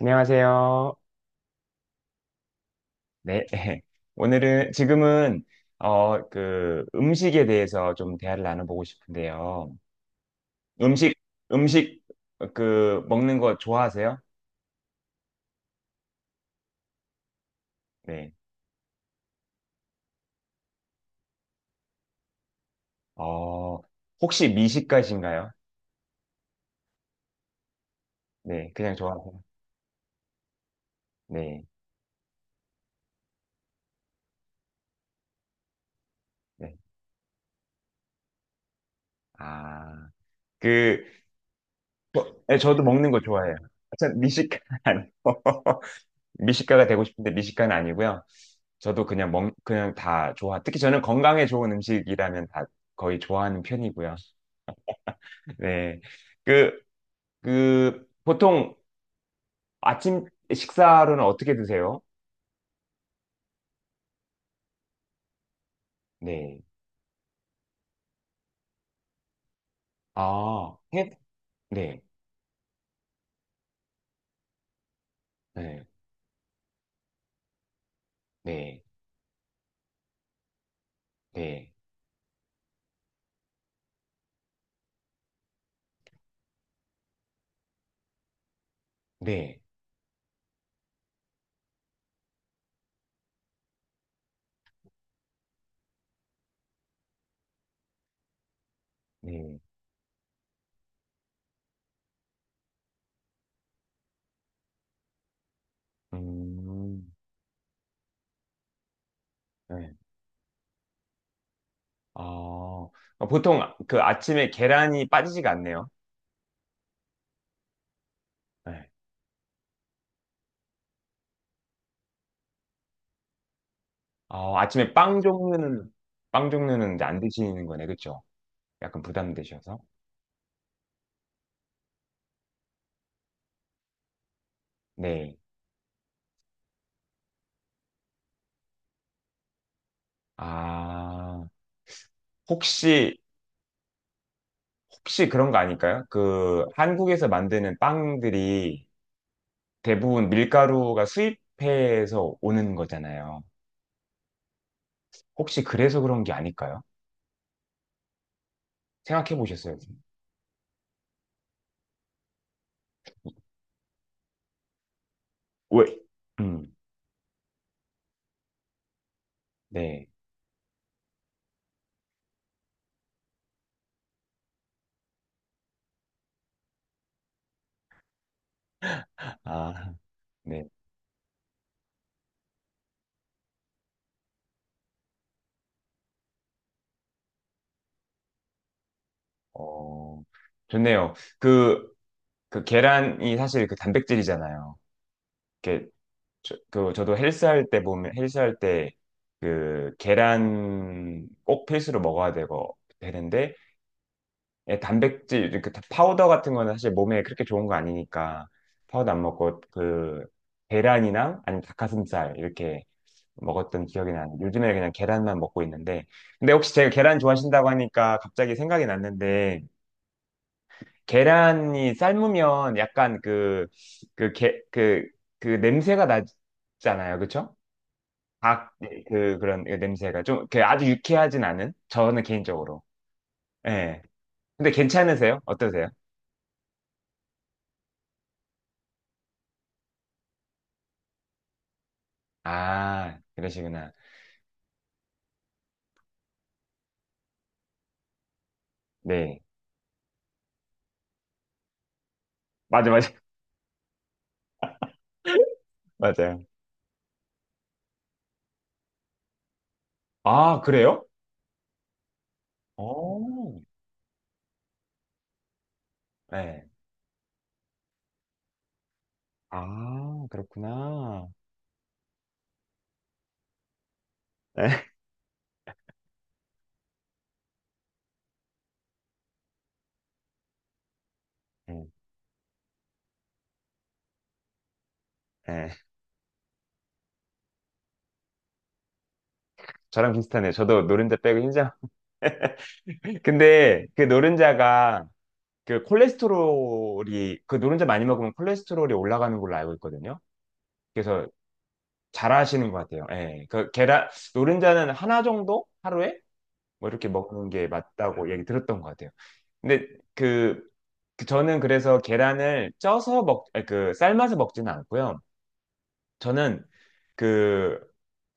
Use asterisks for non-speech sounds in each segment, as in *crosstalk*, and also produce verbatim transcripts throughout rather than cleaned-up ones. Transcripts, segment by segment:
안녕하세요. 네. *laughs* 오늘은, 지금은, 어, 그, 음식에 대해서 좀 대화를 나눠보고 싶은데요. 음식, 음식, 그, 먹는 거 좋아하세요? 네. 어, 혹시 미식가신가요? 네. 그냥 좋아하세요? 네. 네. 아, 그, 저, 네, 저도 먹는 거 좋아해요. *laughs* 아, 참, 미식가 아니고. *laughs* 미식가가 되고 싶은데 미식가는 아니고요. 저도 그냥 먹, 그냥 다 좋아. 특히 저는 건강에 좋은 음식이라면 다 거의 좋아하는 편이고요. *laughs* 네. 그, 그, 보통 아침 식사로는 어떻게 드세요? 네. 아, 해. 네. 네. 네. 네. 네. 네. 음. 네. 아, 어, 보통 그 아침에 계란이 빠지지가 않네요. 네. 아, 아침에 빵 종류는, 빵 종류는 이제 안 드시는 거네. 그쵸? 약간 부담되셔서? 네. 아, 혹시, 혹시 그런 거 아닐까요? 그, 한국에서 만드는 빵들이 대부분 밀가루가 수입해서 오는 거잖아요. 혹시 그래서 그런 게 아닐까요? 생각해 보셨어요? 왜? 음, 네. 아, 네. 어, 좋네요. 그, 그 계란이 사실 그 단백질이잖아요. 이렇게 저, 그 저도 헬스할 때 보면 헬스할 때 그 계란 꼭 필수로 먹어야 되고 되는데 예, 단백질 이렇게 다- 파우더 같은 거는 사실 몸에 그렇게 좋은 거 아니니까 파우더 안 먹고 그 계란이나 아니면 닭가슴살 이렇게 먹었던 기억이 나는데 요즘에 그냥 계란만 먹고 있는데 근데 혹시 제가 계란 좋아하신다고 하니까 갑자기 생각이 났는데 계란이 삶으면 약간 그 그 게 그 그 냄새가 나잖아요, 그쵸? 닭, 그, 그런 그 냄새가 좀, 그 아주 유쾌하진 않은? 저는 개인적으로. 예. 근데 괜찮으세요? 어떠세요? 아, 그러시구나. 네. 맞아, 맞아. *laughs* 맞아요. 아, 그래요? 오, 네. 아, 그렇구나. 네. 네. 네. 저랑 비슷하네요. 저도 노른자 빼고 흰자. *laughs* 근데 그 노른자가 그 콜레스테롤이, 그 노른자 많이 먹으면 콜레스테롤이 올라가는 걸로 알고 있거든요. 그래서 잘하시는 것 같아요. 예. 그 계란 노른자는 하나 정도 하루에 뭐 이렇게 먹는 게 맞다고 얘기 들었던 것 같아요. 근데 그, 그 저는 그래서 계란을 쪄서 먹, 아니, 그 삶아서 먹지는 않고요. 저는 그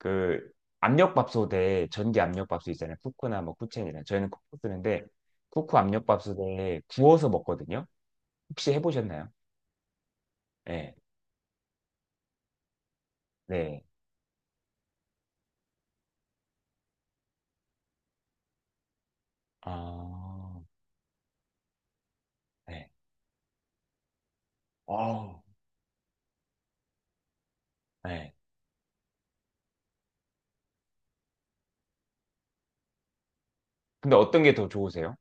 그 압력밥솥에 전기 압력밥솥 있잖아요. 쿠쿠나 뭐 쿠첸이나 저희는 쿠쿠 쓰는데 쿠쿠 압력밥솥에 구워서 먹거든요. 혹시 해보셨나요? 네, 네, 아, 네, 아, 네. 근데 어떤 게 더 좋으세요?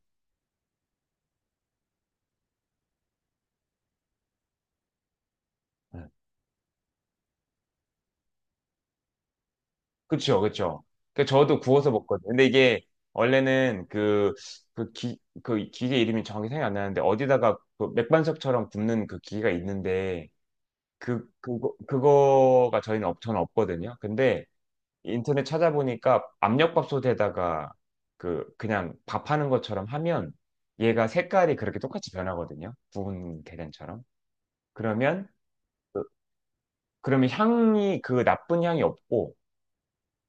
네. 그쵸, 그쵸. 그 저도 구워서 먹거든요. 근데 이게 원래는 그, 그 기, 그 기계 이름이 정확히 생각이 안 나는데 어디다가 그 맥반석처럼 굽는 그 기계가 있는데 그, 그거, 그거가 저희는 없, 저는 없거든요. 근데 인터넷 찾아보니까 압력밥솥에다가 그, 그냥 밥하는 것처럼 하면 얘가 색깔이 그렇게 똑같이 변하거든요. 구운 계란처럼. 그러면, 그- 그러면 향이 그 나쁜 향이 없고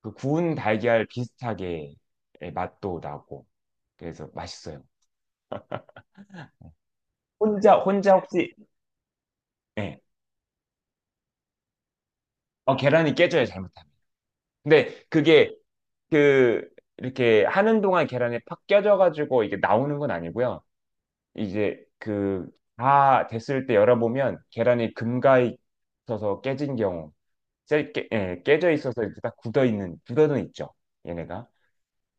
그 구운 달걀 비슷하게 예, 맛도 나고 그래서 맛있어요. 혼자 혼자 혹시 예. 어 계란이 깨져요 잘못하면. 근데 그게 그 이렇게 하는 동안 계란이 팍 깨져 가지고 이게 나오는 건 아니고요. 이제 그 다 됐을 때 열어보면 계란이 금가 있어서 깨진 경우 깨, 깨, 예, 깨져 있어서 이렇게 딱 굳어 있는 굳어는 있죠. 얘네가.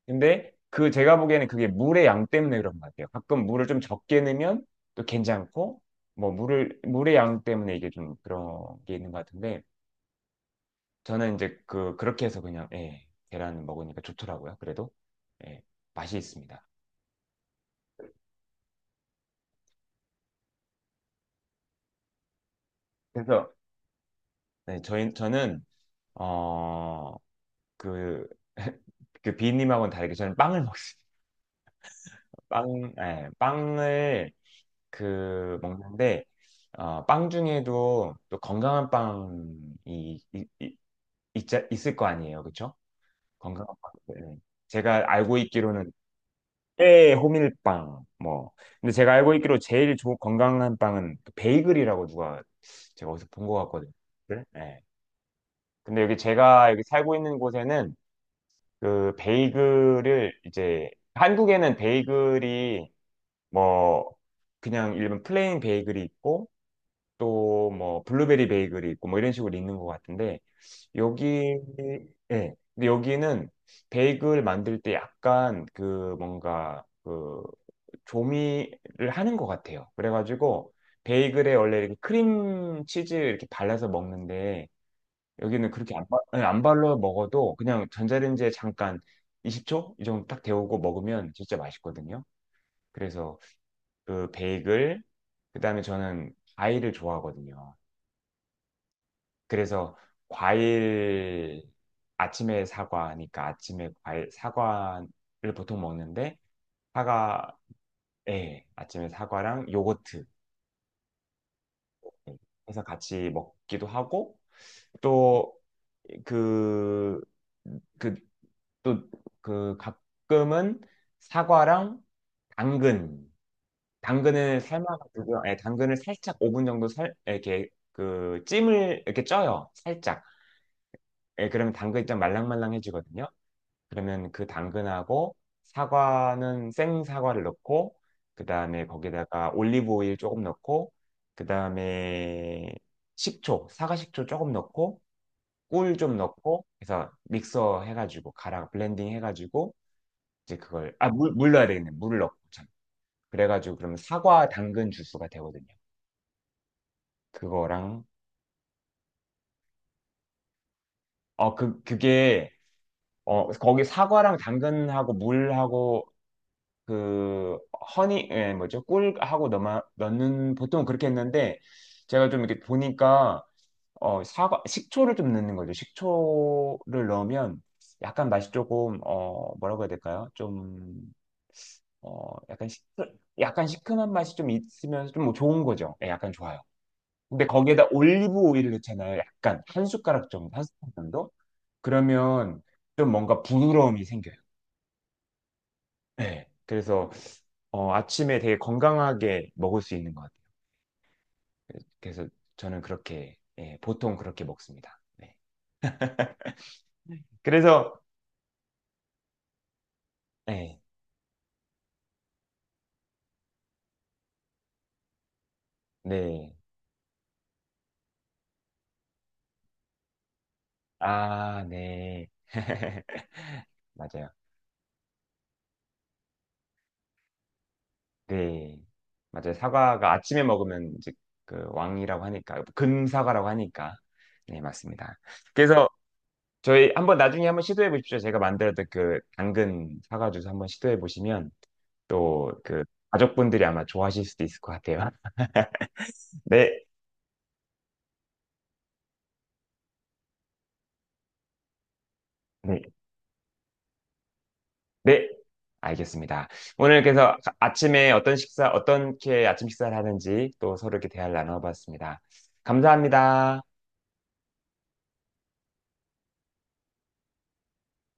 근데 그 제가 보기에는 그게 물의 양 때문에 그런 것 같아요. 가끔 물을 좀 적게 넣으면 또 괜찮고 뭐 물을 물의 양 때문에 이게 좀 그런 게 있는 것 같은데 저는 이제 그 그렇게 해서 그냥 예, 계란 먹으니까 좋더라고요. 그래도 예, 맛이 있습니다. 그래서 네, 저희 저는 어그 그 *laughs* 그 비님하고는 다르게 저는 빵을 먹습니다. 빵, 예, 빵을 그 먹는데 어, 빵 중에도 또 건강한 빵이 이- 이- 있자- 있을 거 아니에요, 그렇죠? 건강한 빵. 네. 제가 알고 있기로는 꽤 호밀빵 뭐. 근데 제가 알고 있기로 제일 좋은 건강한 빵은 그 베이글이라고 누가 제가 어디서 본 것 같거든요. 네. 네. 근데 여기 제가 여기 살고 있는 곳에는 그 베이글을 이제 한국에는 베이글이 뭐 그냥 일반 플레인 베이글이 있고 또 뭐 블루베리 베이글이 있고 뭐 이런 식으로 있는 것 같은데 여기 예 근데 여기는 베이글 만들 때 약간 그 뭔가 그 조미를 하는 것 같아요. 그래가지고 베이글에 원래 이렇게 크림 치즈 이렇게 발라서 먹는데 여기는 그렇게 안, 바- 예, 안 발라 먹어도 그냥 전자레인지에 잠깐 이십 초 이 정도 딱 데우고 먹으면 진짜 맛있거든요. 그래서 그 베이글 그다음에 저는 과일을 좋아하거든요. 그래서 과일 아침에 사과니까 아침에 과일 사과를 보통 먹는데 사과 예, 아침에 사과랑 요거트 해서 같이 먹기도 하고 또그그또그 가끔은 사과랑 당근 당근을 삶아가지고 예, 당근을 살짝 오 분 정도 살 이렇게 그 찜을 이렇게 쪄요 살짝 예, 그러면 당근이 좀 말랑말랑해지거든요. 그러면 그 당근하고 사과는 생 사과를 넣고 그다음에 거기다가 올리브 오일 조금 넣고 그다음에 식초, 사과 식초 조금 넣고 꿀 좀 넣고 해서 믹서 해가지고 가랑 블렌딩 해가지고 이제 그걸 아 물 물 넣어야 되겠네 물을 넣고 참 그래가지고 그러면 사과 당근 주스가 되거든요 그거랑 어 그 그게 어 거기 사과랑 당근하고 물하고 그 허니 예, 뭐죠? 꿀하고 넣어 넣는 보통 그렇게 했는데 제가 좀 이렇게 보니까 어 사과 식초를 좀 넣는 거죠. 식초를 넣으면 약간 맛이 조금 어 뭐라고 해야 될까요? 좀 어 약간 시 약간 시큼한 맛이 좀 있으면서 좀뭐 좋은 거죠. 예, 약간 좋아요. 근데 거기에다 올리브 오일을 넣잖아요. 약간 한 숟가락 정도, 한 숟가락 정도? 그러면 좀 뭔가 부드러움이 생겨요. 네. 그래서 어, 아침에 되게 건강하게 먹을 수 있는 것 같아요. 그래서 저는 그렇게, 예, 보통 그렇게 먹습니다. 네. 그래서, 네, 네. 아, 네. *laughs* 맞아요. 네. 맞아요. 사과가 아침에 먹으면 이제 그 왕이라고 하니까, 금사과라고 하니까. 네, 맞습니다. 그래서 저희 한번 나중에 한번 시도해 보십시오. 제가 만들었던 그 당근 사과 주스 한번 시도해 보시면 또 그 가족분들이 아마 좋아하실 수도 있을 것 같아요. *laughs* 네, 네, 네. 알겠습니다. 오늘 그래서 아- 아침에 어떤 식사, 어떻게 아침 식사를 하는지 또 서로 이렇게 대화를 나눠봤습니다. 감사합니다.